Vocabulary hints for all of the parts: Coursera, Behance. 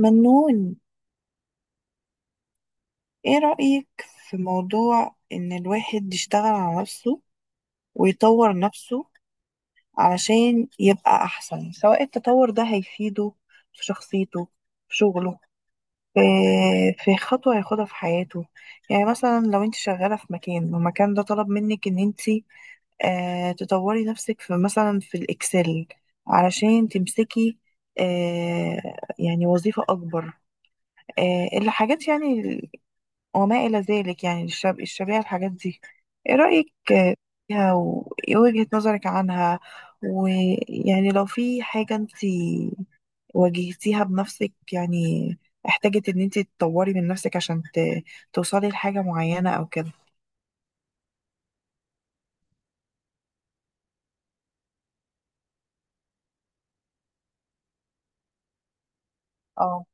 منون، ايه رأيك في موضوع ان الواحد يشتغل على نفسه ويطور نفسه علشان يبقى احسن؟ سواء التطور ده هيفيده في شخصيته، في شغله، في في خطوة هياخدها في حياته. يعني مثلا لو انت شغالة في مكان والمكان ده طلب منك ان انت تطوري نفسك في مثلا في الإكسل علشان تمسكي آه، يعني وظيفة أكبر، الحاجات يعني وما إلى ذلك، يعني الشبيهة الحاجات دي. إيه رأيك فيها وإيه وجهة نظرك عنها؟ ويعني لو في حاجة أنت واجهتيها بنفسك، يعني احتاجت إن أنت تطوري من نفسك عشان توصلي لحاجة معينة أو كده. اه.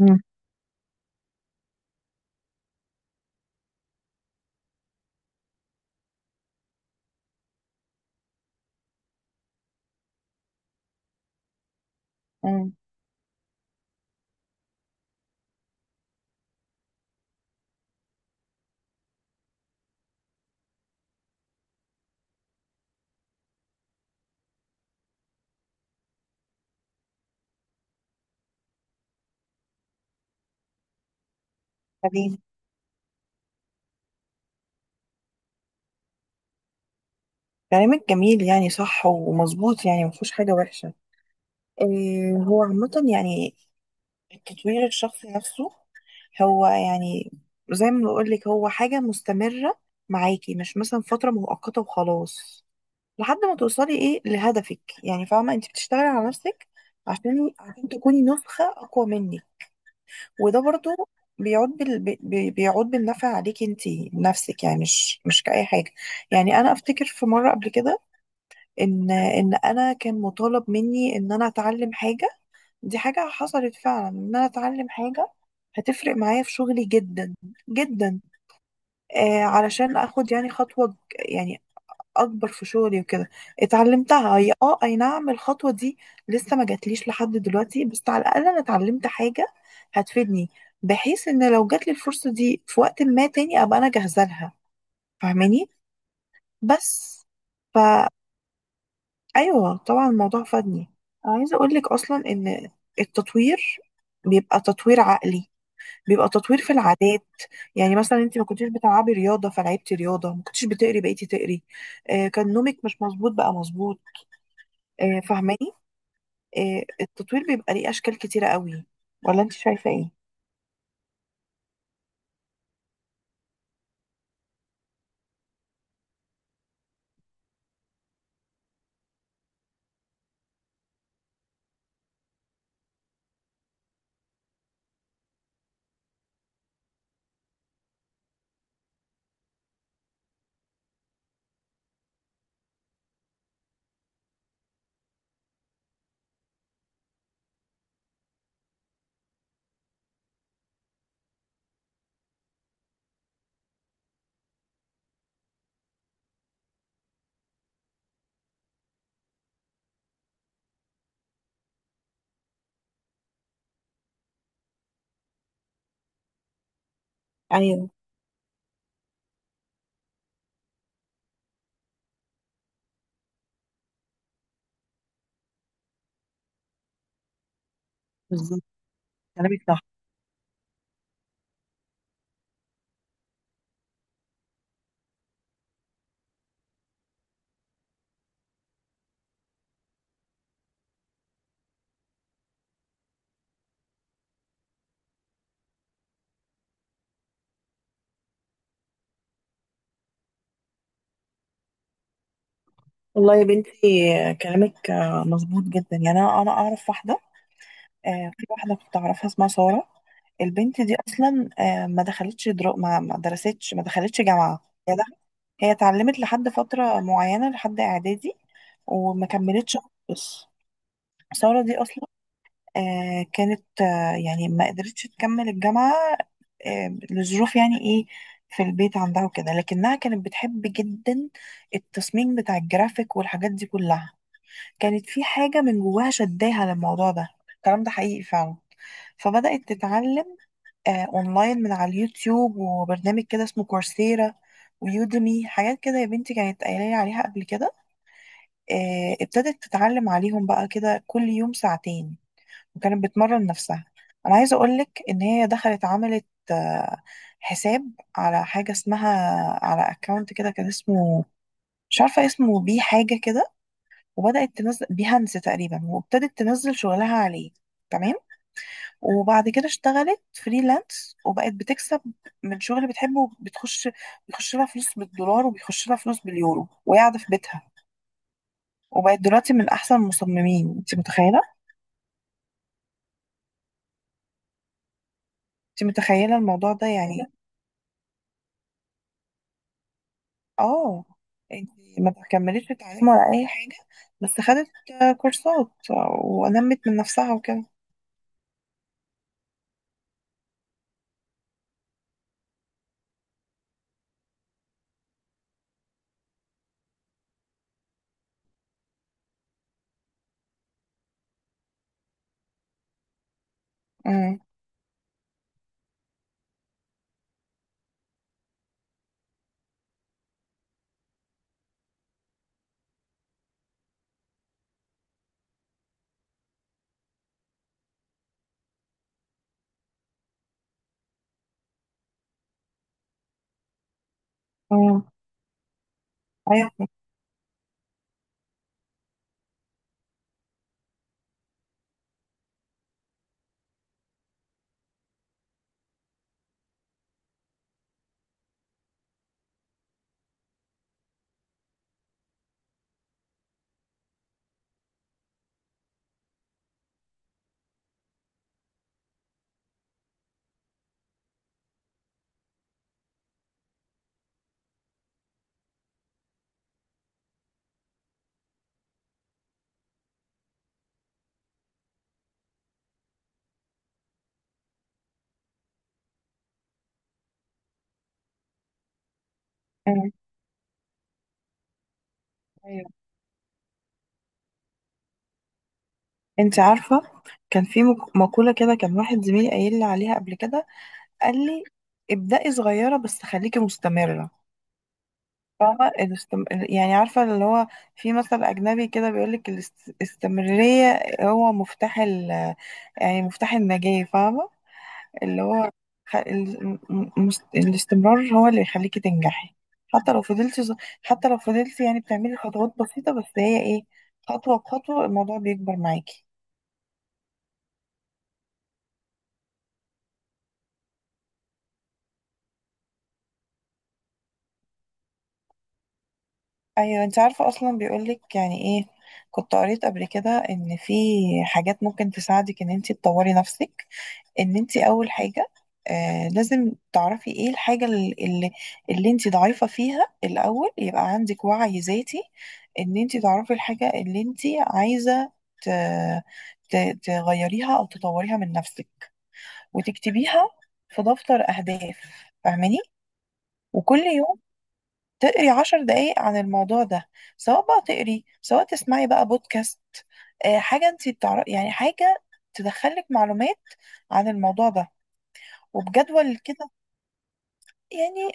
امم. امم. حبيبي. كلامك جميل، يعني صح ومظبوط، يعني مفيهوش حاجة وحشة. إيه هو عامة يعني التطوير الشخصي نفسه هو يعني زي ما بقول لك هو حاجة مستمرة معاكي، مش مثلا فترة مؤقتة وخلاص لحد ما توصلي ايه لهدفك. يعني فاهمة انت بتشتغلي على نفسك عشان تكوني نسخة أقوى منك. وده برضو بيعود بالنفع عليكي انت نفسك، يعني مش كأي حاجة. يعني أنا أفتكر في مرة قبل كده إن أنا كان مطالب مني إن أنا أتعلم حاجة. دي حاجة حصلت فعلا، إن أنا أتعلم حاجة هتفرق معايا في شغلي جدا جدا. علشان اخد يعني خطوة يعني اكبر في شغلي وكده. اتعلمتها هي، اه اي نعم، الخطوة دي لسه ما جاتليش لحد دلوقتي، بس على الاقل انا اتعلمت حاجة هتفيدني، بحيث ان لو جاتلي الفرصة دي في وقت ما تاني ابقى انا جاهزة لها. فاهماني؟ بس فا ايوه طبعا الموضوع فادني. انا عايزة اقولك اصلا ان التطوير بيبقى تطوير عقلي، بيبقى تطوير في العادات. يعني مثلا انت ما كنتيش بتلعبي رياضه فلعبتي رياضه، ما كنتيش بتقري بقيتي تقري، كان نومك مش مظبوط بقى مظبوط. فاهماني؟ التطوير بيبقى ليه اشكال كتيره قوي، ولا انت شايفه ايه؟ ايوه بالظبط، كلامك صح. والله يا بنتي، كلامك مظبوط جدا. يعني انا اعرف واحده، في واحدة كنت أعرفها اسمها سارة. البنت دي أصلا ما درستش، ما دخلتش جامعة، هي اتعلمت لحد فترة معينة لحد إعدادي، وما كملتش خالص. سارة دي أصلا كانت يعني ما قدرتش تكمل الجامعة لظروف يعني إيه في البيت عندها وكده، لكنها كانت بتحب جدا التصميم بتاع الجرافيك والحاجات دي كلها. كانت في حاجة من جواها شداها للموضوع ده، الكلام ده حقيقي فعلا. فبدأت تتعلم اونلاين من على اليوتيوب وبرنامج كده اسمه كورسيرا ويودمي، حاجات كده يا بنتي كانت قايله لي عليها قبل كده. ابتدت تتعلم عليهم بقى كده كل يوم ساعتين، وكانت بتمرن نفسها. انا عايزه اقولك ان هي دخلت عملت آه، حساب على حاجه اسمها، على اكونت كده كان اسمه، مش عارفه اسمه بيه حاجه كده، وبدأت تنزل بيهانس تقريبا وابتدت تنزل شغلها عليه. تمام. وبعد كده اشتغلت فريلانس وبقت بتكسب من شغل بتحبه، بتخش بيخش لها فلوس بالدولار وبيخش لها فلوس باليورو وهي قاعده في بيتها. وبقت دلوقتي من احسن المصممين. انت متخيله؟ انت متخيله الموضوع ده يعني؟ اه. انت ما كملتش تعليم ولا اي حاجه، بس خدت كورسات ونمت من نفسها وكده. امم. امم. ايوه. امم. ايوه، انت عارفه كان في مقوله كده، كان واحد زميلي قايل لي عليها قبل كده. قال لي: ابدأي صغيرة بس خليكي مستمرة. فاهمة يعني عارفة اللي هو في مثل أجنبي كده بيقولك الاستمرارية هو مفتاح يعني مفتاح النجاة. فاهمة؟ اللي هو خ... ال... م- م- الاستمرار هو اللي يخليكي تنجحي. حتى لو حتى لو فضلتي يعني بتعملي خطوات بسيطة، بس هي ايه، خطوة بخطوة الموضوع بيكبر معاكي. ايوه انت عارفه اصلا بيقولك يعني ايه، كنت قريت قبل كده ان في حاجات ممكن تساعدك ان انت تطوري نفسك. ان انت اول حاجه لازم تعرفي ايه الحاجه اللي انت ضعيفه فيها الاول، يبقى عندك وعي ذاتي ان انت تعرفي الحاجه اللي انت عايزه ت... ت... تغيريها او تطوريها من نفسك، وتكتبيها في دفتر اهداف. فاهماني؟ وكل يوم تقري 10 دقايق عن الموضوع ده، سواء بقى تقري سواء تسمعي بقى بودكاست حاجة انت بتعرفي يعني حاجة تدخلك معلومات عن الموضوع ده، وبجدول كده. يعني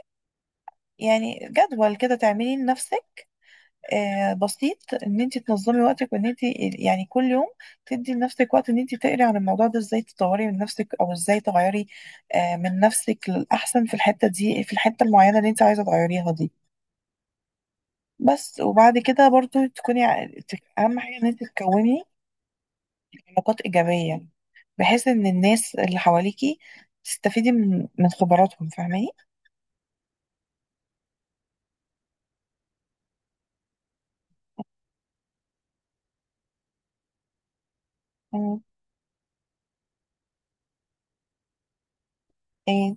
يعني جدول كده تعمليه لنفسك بسيط، ان انت تنظمي وقتك وان انت يعني كل يوم تدي لنفسك وقت ان انت تقري عن الموضوع ده، ازاي تطوري من نفسك او ازاي تغيري من نفسك للأحسن في الحتة دي، في الحتة المعينة اللي انت عايزة تغيريها دي. بس وبعد كده برضو تكوني اهم حاجه ان انت تكوني علاقات ايجابيه، بحيث ان الناس اللي حواليكي تستفيدي من من خبراتهم. فاهماني؟ مم. ايه؟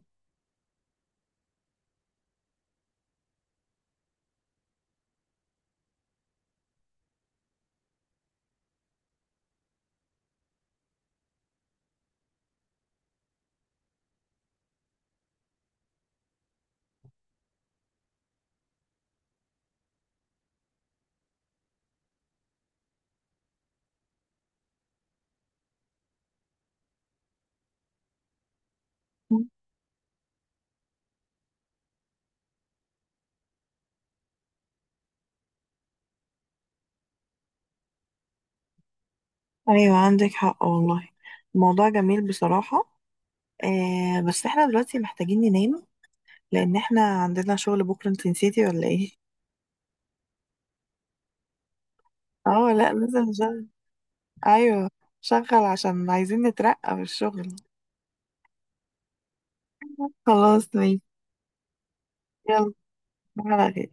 مم. ايوه عندك حق والله، الموضوع جميل بصراحة. بس احنا دلوقتي محتاجين ننام، لان احنا عندنا شغل بكرة. انت نسيتي ولا ايه؟ اه لا، لازم نشغل. ايوه شغل، عشان عايزين نترقى في الشغل. خلاص ماشي. يلا على خير.